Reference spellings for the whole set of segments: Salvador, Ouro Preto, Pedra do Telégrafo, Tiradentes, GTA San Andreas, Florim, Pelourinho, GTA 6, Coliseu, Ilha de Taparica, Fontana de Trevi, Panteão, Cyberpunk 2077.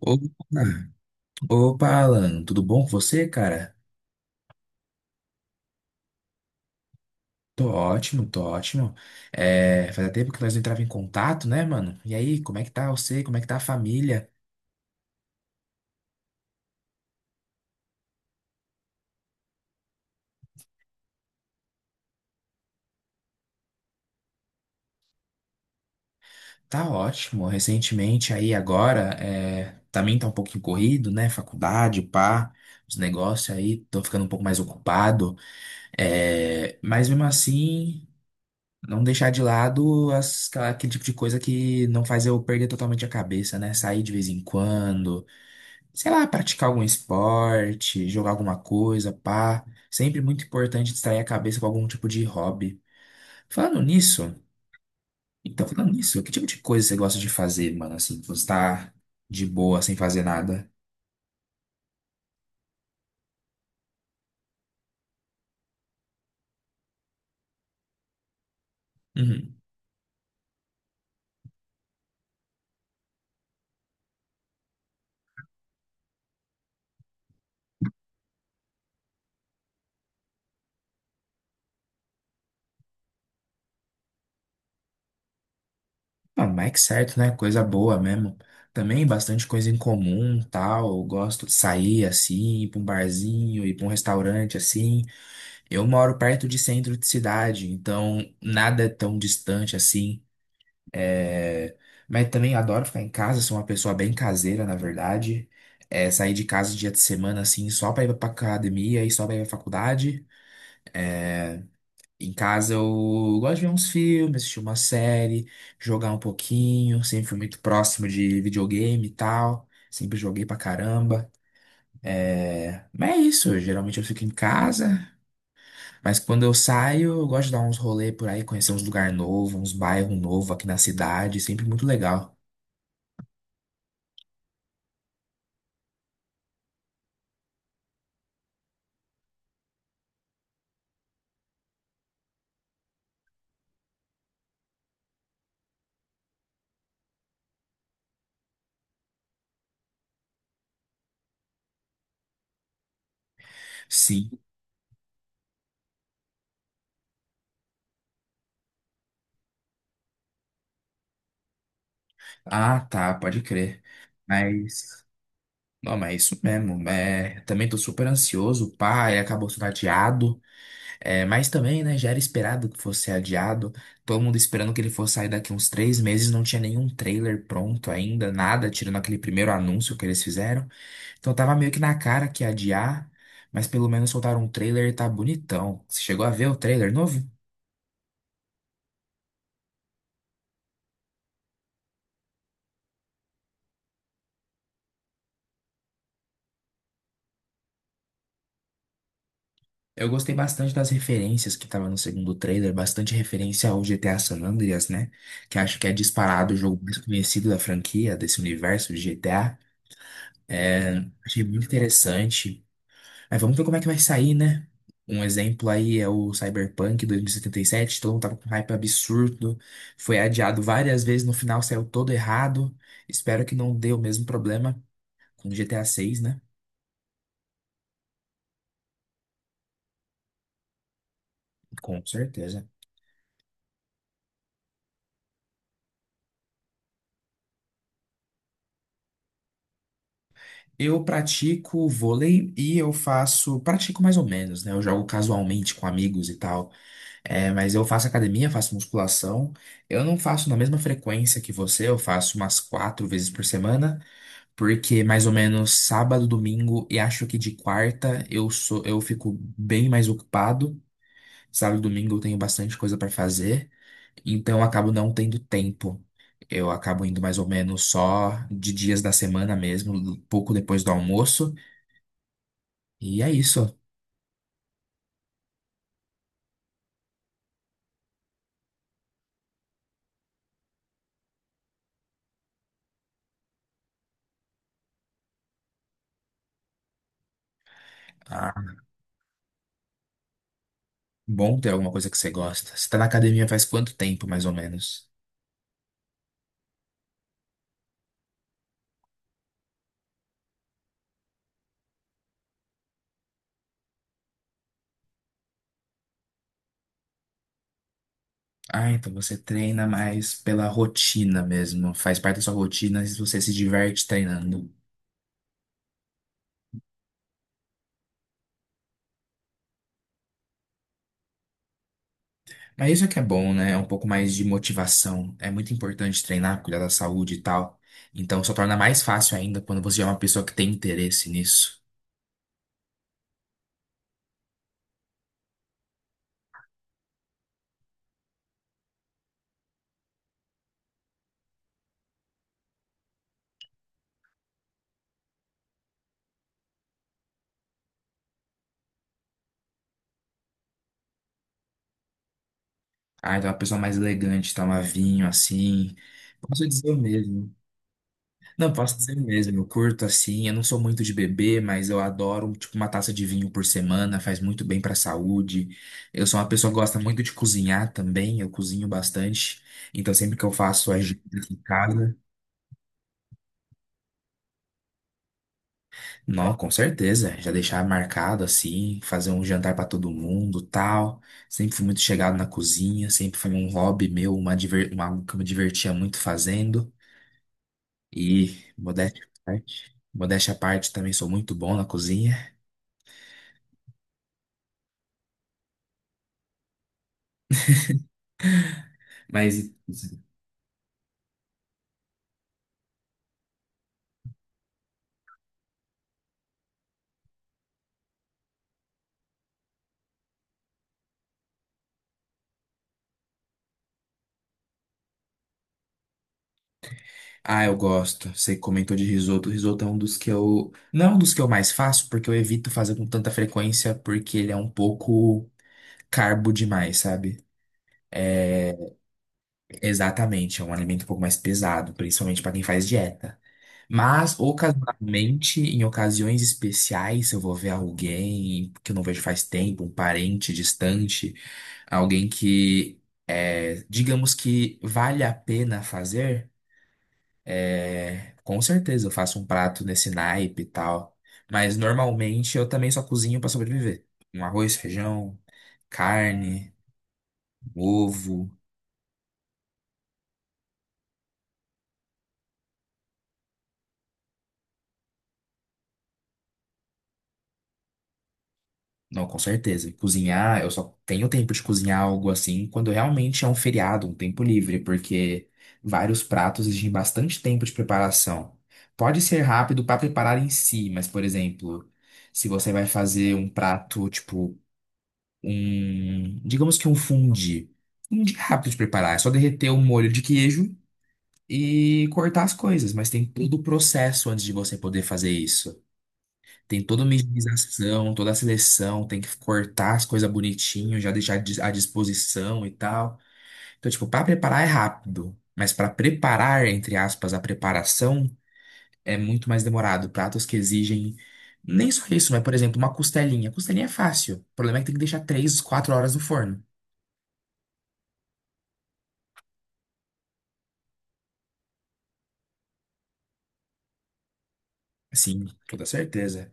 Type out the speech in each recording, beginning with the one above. Opa, Alan, tudo bom com você, cara? Tô ótimo, tô ótimo. Fazia tempo que nós não entrava em contato, né, mano? E aí, como é que tá você? Como é que tá a família? Tá ótimo. Recentemente, aí agora, também tá um pouquinho corrido, né? Faculdade, pá, os negócios aí, tô ficando um pouco mais ocupado. É, mas mesmo assim, não deixar de lado aquele tipo de coisa que não faz eu perder totalmente a cabeça, né? Sair de vez em quando sei lá, praticar algum esporte, jogar alguma coisa, pá. Sempre muito importante distrair a cabeça com algum tipo de hobby. Falando nisso, falando nisso, que tipo de coisa você gosta de fazer, mano? Assim, que você tá de boa, sem fazer nada? Uhum. Ah, mas é que certo, né? Coisa boa mesmo. Também bastante coisa em comum, tal. Eu gosto de sair assim, ir pra um barzinho, ir pra um restaurante assim. Eu moro perto de centro de cidade, então nada é tão distante assim. É, mas também adoro ficar em casa, sou uma pessoa bem caseira, na verdade. É, sair de casa dia de semana, assim, só pra ir pra academia e só pra ir pra faculdade. Em casa eu gosto de ver uns filmes, assistir uma série, jogar um pouquinho. Sempre fui muito próximo de videogame e tal. Sempre joguei pra caramba. Mas é isso, geralmente eu fico em casa, mas quando eu saio, eu gosto de dar uns rolê por aí, conhecer uns lugar novo, uns bairros novo aqui na cidade, sempre muito legal. Sim. Ah, tá, pode crer. Mas. Não, mas é isso mesmo. É, também tô super ansioso. O pai acabou sendo adiado. É, mas também, né, já era esperado que fosse adiado. Todo mundo esperando que ele fosse sair daqui uns três meses, não tinha nenhum trailer pronto ainda, nada, tirando aquele primeiro anúncio que eles fizeram. Então tava meio que na cara que ia adiar, mas pelo menos soltaram um trailer e tá bonitão. Você chegou a ver o trailer novo? Eu gostei bastante das referências que tava no segundo trailer, bastante referência ao GTA San Andreas, né? Que acho que é disparado o jogo mais conhecido da franquia, desse universo de GTA. É, achei muito interessante. Mas vamos ver como é que vai sair, né? Um exemplo aí é o Cyberpunk 2077, todo mundo tava com hype absurdo, foi adiado várias vezes, no final saiu todo errado. Espero que não dê o mesmo problema com o GTA 6, né? Com certeza. Eu pratico vôlei e eu faço, pratico mais ou menos, né? Eu jogo casualmente com amigos e tal. É, mas eu faço academia, faço musculação. Eu não faço na mesma frequência que você, eu faço umas quatro vezes por semana, porque mais ou menos sábado, domingo e acho que de quarta eu fico bem mais ocupado. Sábado e domingo eu tenho bastante coisa para fazer, então eu acabo não tendo tempo. Eu acabo indo mais ou menos só de dias da semana mesmo, pouco depois do almoço. E é isso. Ah, bom ter alguma coisa que você gosta. Você tá na academia faz quanto tempo, mais ou menos? Ah, então você treina mais pela rotina mesmo. Faz parte da sua rotina e você se diverte treinando. Mas isso é que é bom, né? É um pouco mais de motivação. É muito importante treinar, cuidar da saúde e tal. Então só torna mais fácil ainda quando você é uma pessoa que tem interesse nisso. Ah, então é uma pessoa mais elegante, toma vinho assim. Posso dizer o mesmo. Não, posso dizer mesmo, eu curto assim, eu não sou muito de beber, mas eu adoro, tipo, uma taça de vinho por semana, faz muito bem pra saúde. Eu sou uma pessoa que gosta muito de cozinhar também, eu cozinho bastante. Então sempre que eu faço as janta em casa, não, com certeza, já deixar marcado assim, fazer um jantar pra todo mundo, tal. Sempre fui muito chegado na cozinha, sempre foi um hobby meu, algo que eu me divertia muito fazendo. E modéstia à parte, também sou muito bom na cozinha. Mas ah, eu gosto. Você comentou de risoto. Risoto é um dos que eu. Não é um dos que eu mais faço, porque eu evito fazer com tanta frequência, porque ele é um pouco carbo demais, sabe? Exatamente, é um alimento um pouco mais pesado, principalmente para quem faz dieta. Mas, ocasionalmente, em ocasiões especiais, se eu vou ver alguém que eu não vejo faz tempo, um parente distante, alguém que, é, digamos que vale a pena fazer. É, com certeza, eu faço um prato nesse naipe e tal. Mas normalmente eu também só cozinho pra sobreviver. Um arroz, feijão, carne, ovo. Não, com certeza. Cozinhar, eu só tenho tempo de cozinhar algo assim quando realmente é um feriado, um tempo livre, porque vários pratos exigem bastante tempo de preparação. Pode ser rápido pra preparar em si, mas, por exemplo, se você vai fazer um prato tipo digamos que um fundi. Fundi é rápido de preparar, é só derreter um molho de queijo e cortar as coisas, mas tem todo o processo antes de você poder fazer isso. Tem toda a minimização, toda a seleção, tem que cortar as coisas bonitinho, já deixar à disposição e tal. Então, tipo, para preparar é rápido, mas para preparar, entre aspas, a preparação é muito mais demorado. Pratos que exigem nem só isso, mas, por exemplo, uma costelinha. Costelinha é fácil. O problema é que tem que deixar 3, 4 horas no forno. Sim, toda certeza.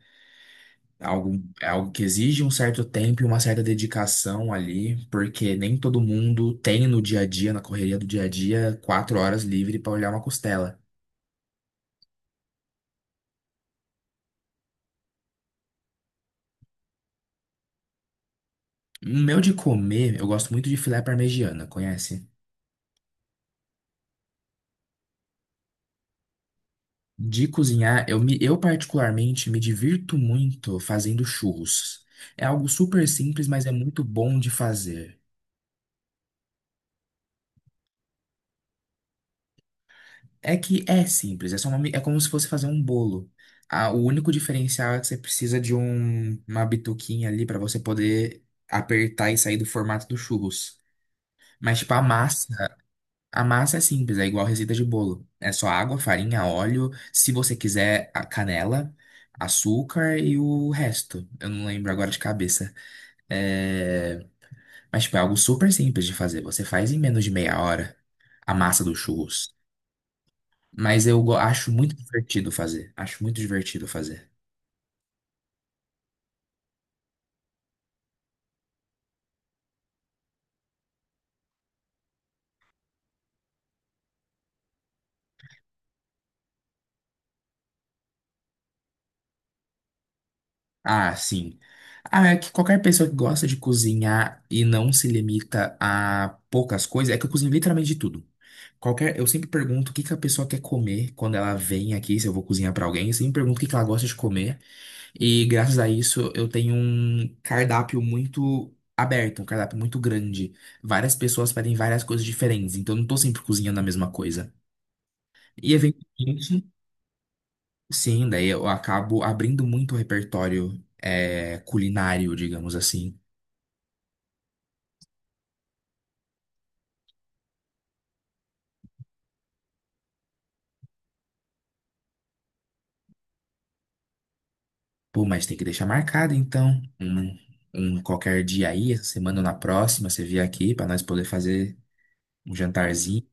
É Algo, é algo que exige um certo tempo e uma certa dedicação ali, porque nem todo mundo tem no dia a dia, na correria do dia a dia, quatro horas livre para olhar uma costela. O meu de comer, eu gosto muito de filé parmegiana, conhece? De cozinhar, eu particularmente me divirto muito fazendo churros. É algo super simples, mas é muito bom de fazer. É que é simples, é só é como se fosse fazer um bolo. Ah, o único diferencial é que você precisa de uma bituquinha ali para você poder apertar e sair do formato do churros. Mas, tipo, a massa é simples, é igual receita de bolo. É só água, farinha, óleo, se você quiser, a canela, açúcar e o resto. Eu não lembro agora de cabeça. É, mas, tipo, é algo super simples de fazer. Você faz em menos de meia hora a massa do churros. Acho muito divertido fazer. Acho muito divertido fazer. Ah, sim. Ah, é que qualquer pessoa que gosta de cozinhar e não se limita a poucas coisas, é que eu cozinho literalmente de tudo. Qualquer, eu sempre pergunto o que que a pessoa quer comer quando ela vem aqui, se eu vou cozinhar pra alguém, eu sempre pergunto o que que ela gosta de comer. E graças a isso eu tenho um cardápio muito aberto, um cardápio muito grande. Várias pessoas pedem várias coisas diferentes, então eu não tô sempre cozinhando a mesma coisa. E eventualmente sim, daí eu acabo abrindo muito o repertório é, culinário, digamos assim. Pô, mas tem que deixar marcado então. Um qualquer dia aí, essa semana ou na próxima, você vier aqui para nós poder fazer um jantarzinho.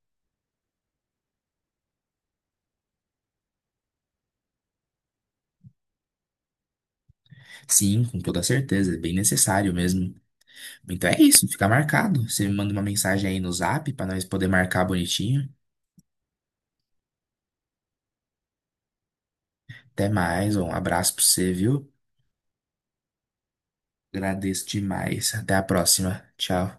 Sim, com toda certeza, é bem necessário mesmo. Então é isso, fica marcado. Você me manda uma mensagem aí no Zap para nós poder marcar bonitinho. Até mais, um abraço para você, viu? Agradeço demais. Até a próxima. Tchau.